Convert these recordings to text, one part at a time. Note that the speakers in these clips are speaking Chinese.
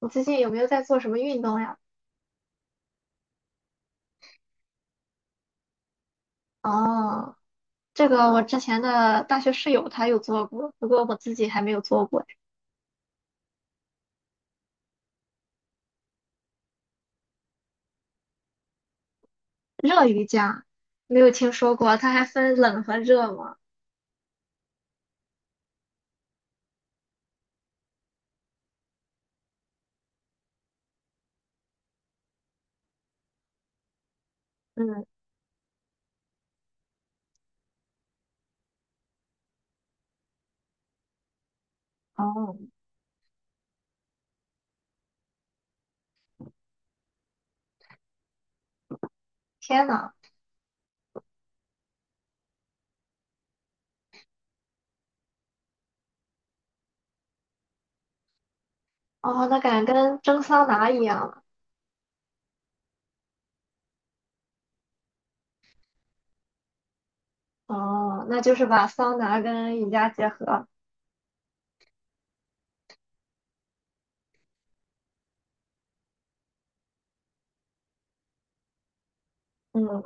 你最近有没有在做什么运动呀？哦，这个我之前的大学室友她有做过，不过我自己还没有做过。热瑜伽，没有听说过，它还分冷和热吗？嗯，哦，天呐，哦，那感觉跟蒸桑拿一样了。哦，那就是把桑拿跟瑜伽结合。嗯，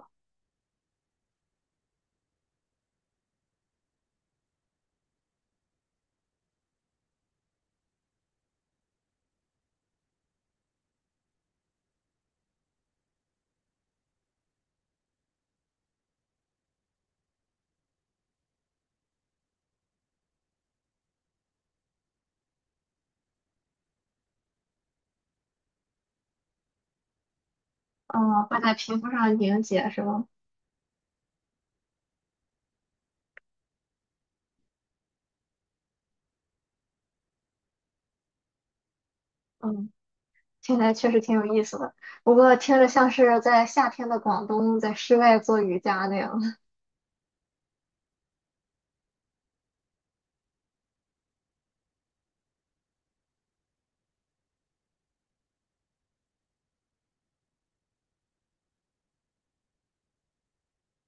哦，会在皮肤上凝结是吗？嗯，听起来确实挺有意思的，不过听着像是在夏天的广东在室外做瑜伽那样。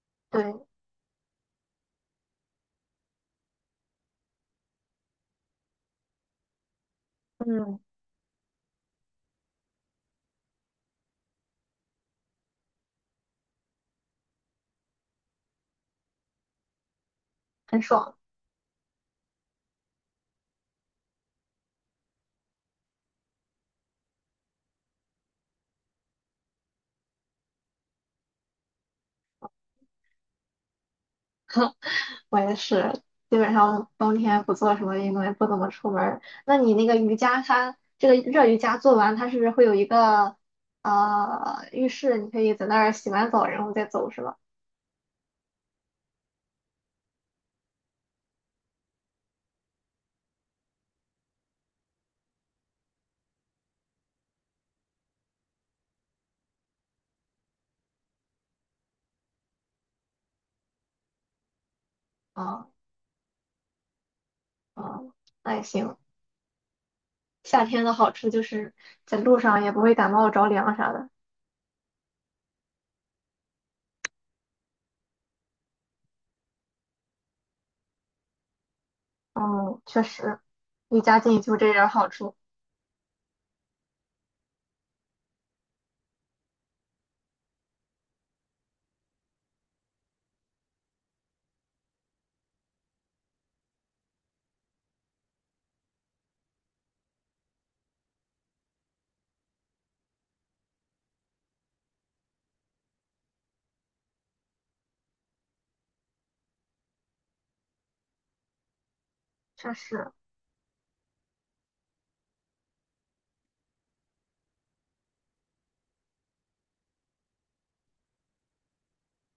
对。嗯。很爽。我也是，基本上冬天不做什么运动，也不怎么出门儿。那你那个瑜伽它，这个热瑜伽做完，它是会有一个浴室，你可以在那儿洗完澡然后再走，是吧？啊、啊、那也行。夏天的好处就是在路上也不会感冒着凉啥的。嗯，确实，离家近就这点儿好处，确实。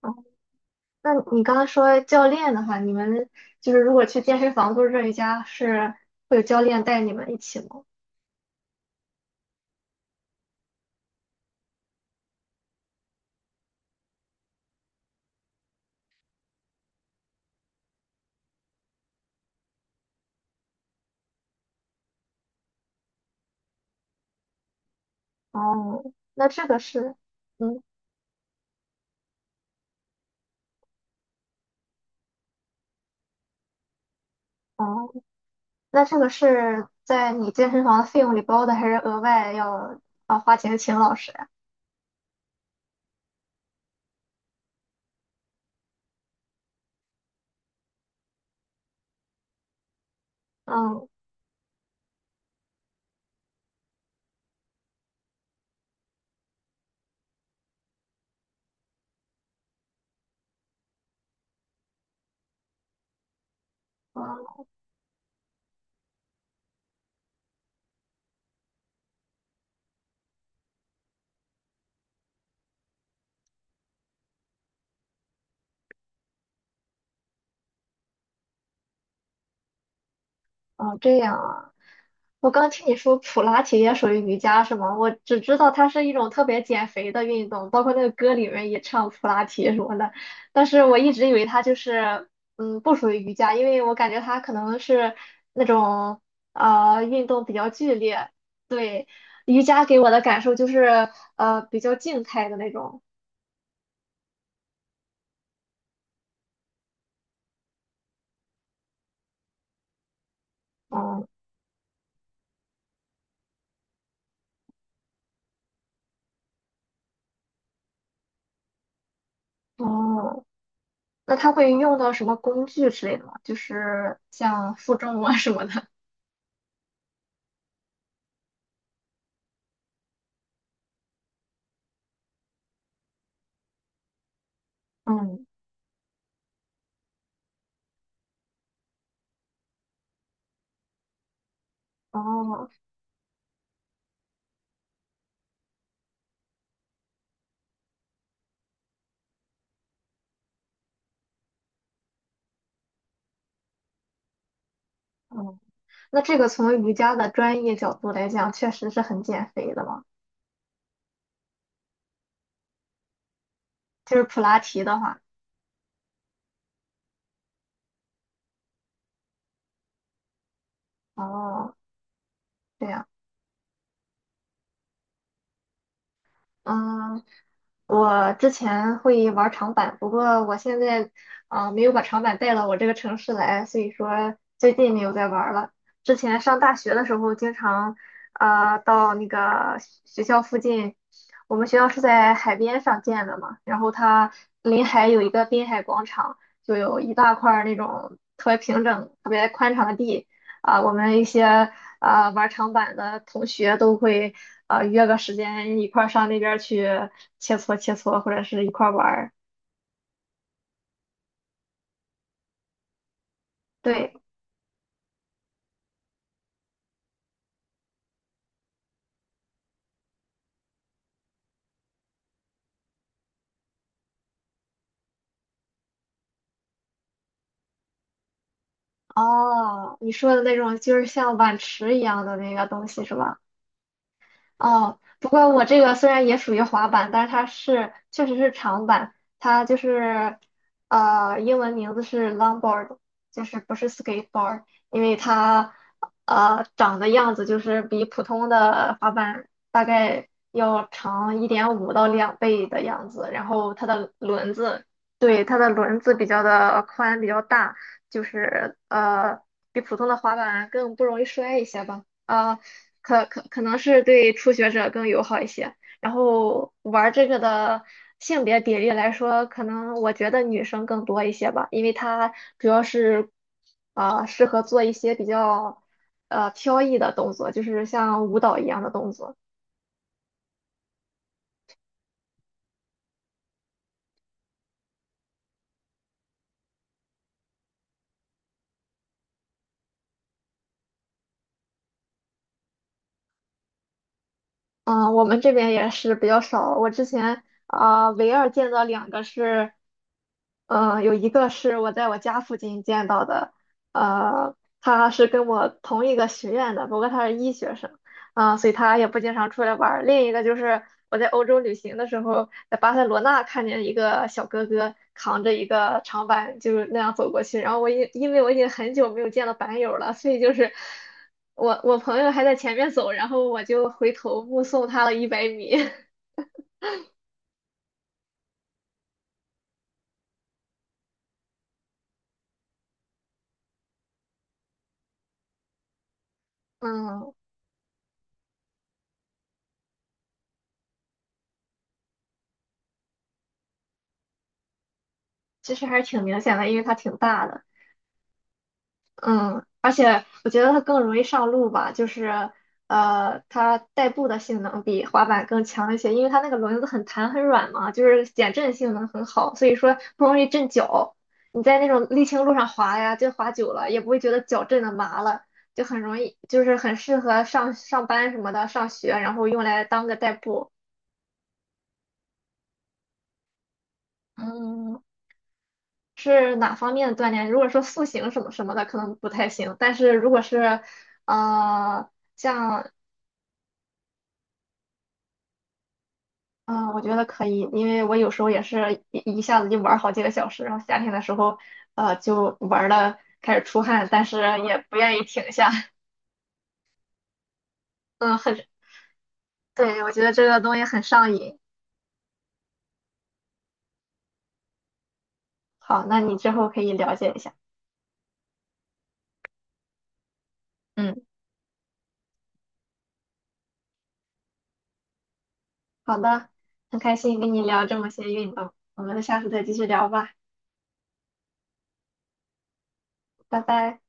嗯，那你刚刚说教练的话，你们就是如果去健身房做这一家，是会有教练带你们一起吗？哦，那这个是，嗯，哦，那这个是在你健身房的费用里包的，还是额外要花钱请老师呀？嗯，哦哦，这样啊。我刚听你说普拉提也属于瑜伽是吗？我只知道它是一种特别减肥的运动，包括那个歌里面也唱普拉提什么的，但是我一直以为它就是不属于瑜伽，因为我感觉它可能是那种运动比较剧烈。对，瑜伽给我的感受就是比较静态的那种。嗯，哦，那它会用到什么工具之类的吗？就是像负重啊什么的。嗯，哦。哦，那这个从瑜伽的专业角度来讲，确实是很减肥的嘛。就是普拉提的话，哦，这样。嗯，我之前会玩儿长板，不过我现在没有把长板带到我这个城市来，所以说最近没有在玩儿了。之前上大学的时候，经常到那个学校附近，我们学校是在海边上建的嘛，然后它临海有一个滨海广场，就有一大块儿那种特别平整、特别宽敞的地啊、我们一些。玩长板的同学都会约个时间一块儿上那边儿去切磋切磋，或者是一块儿玩儿。对，哦，你说的那种就是像碗池一样的那个东西是吧？哦，不过我这个虽然也属于滑板，但是确实是长板，它就是英文名字是 longboard,就是不是 skateboard,因为它长的样子就是比普通的滑板大概要长1.5到2倍的样子，然后它的轮子，对，它的轮子比较的宽比较大，就是比普通的滑板更不容易摔一些吧。啊，可能是对初学者更友好一些。然后玩这个的性别比例来说，可能我觉得女生更多一些吧，因为它主要是适合做一些比较飘逸的动作，就是像舞蹈一样的动作。嗯，我们这边也是比较少。我之前唯二见到两个是有一个是我在我家附近见到的，他是跟我同一个学院的，不过他是医学生，所以他也不经常出来玩儿。另一个就是我在欧洲旅行的时候，在巴塞罗那看见一个小哥哥扛着一个长板，就是那样走过去。然后我因为我已经很久没有见到板友了，所以就是我朋友还在前面走，然后我就回头目送他了100米。嗯，其实还是挺明显的，因为他挺大的。嗯，而且我觉得它更容易上路吧，就是它代步的性能比滑板更强一些，因为它那个轮子很弹很软嘛，就是减震性能很好，所以说不容易震脚。你在那种沥青路上滑呀，就滑久了也不会觉得脚震的麻了，就很容易，就是很适合上上班什么的，上学，然后用来当个代步。嗯，是哪方面的锻炼？如果说塑形什么什么的，可能不太行，但是如果是呃。嗯，我觉得可以，因为我有时候也是一下子就玩儿好几个小时，然后夏天的时候，就玩的开始出汗，但是也不愿意停下。嗯，很，对，我觉得这个东西很上瘾。好，那你之后可以了解一下。嗯，好的，很开心跟你聊这么些运动，我们下次再继续聊吧，拜拜。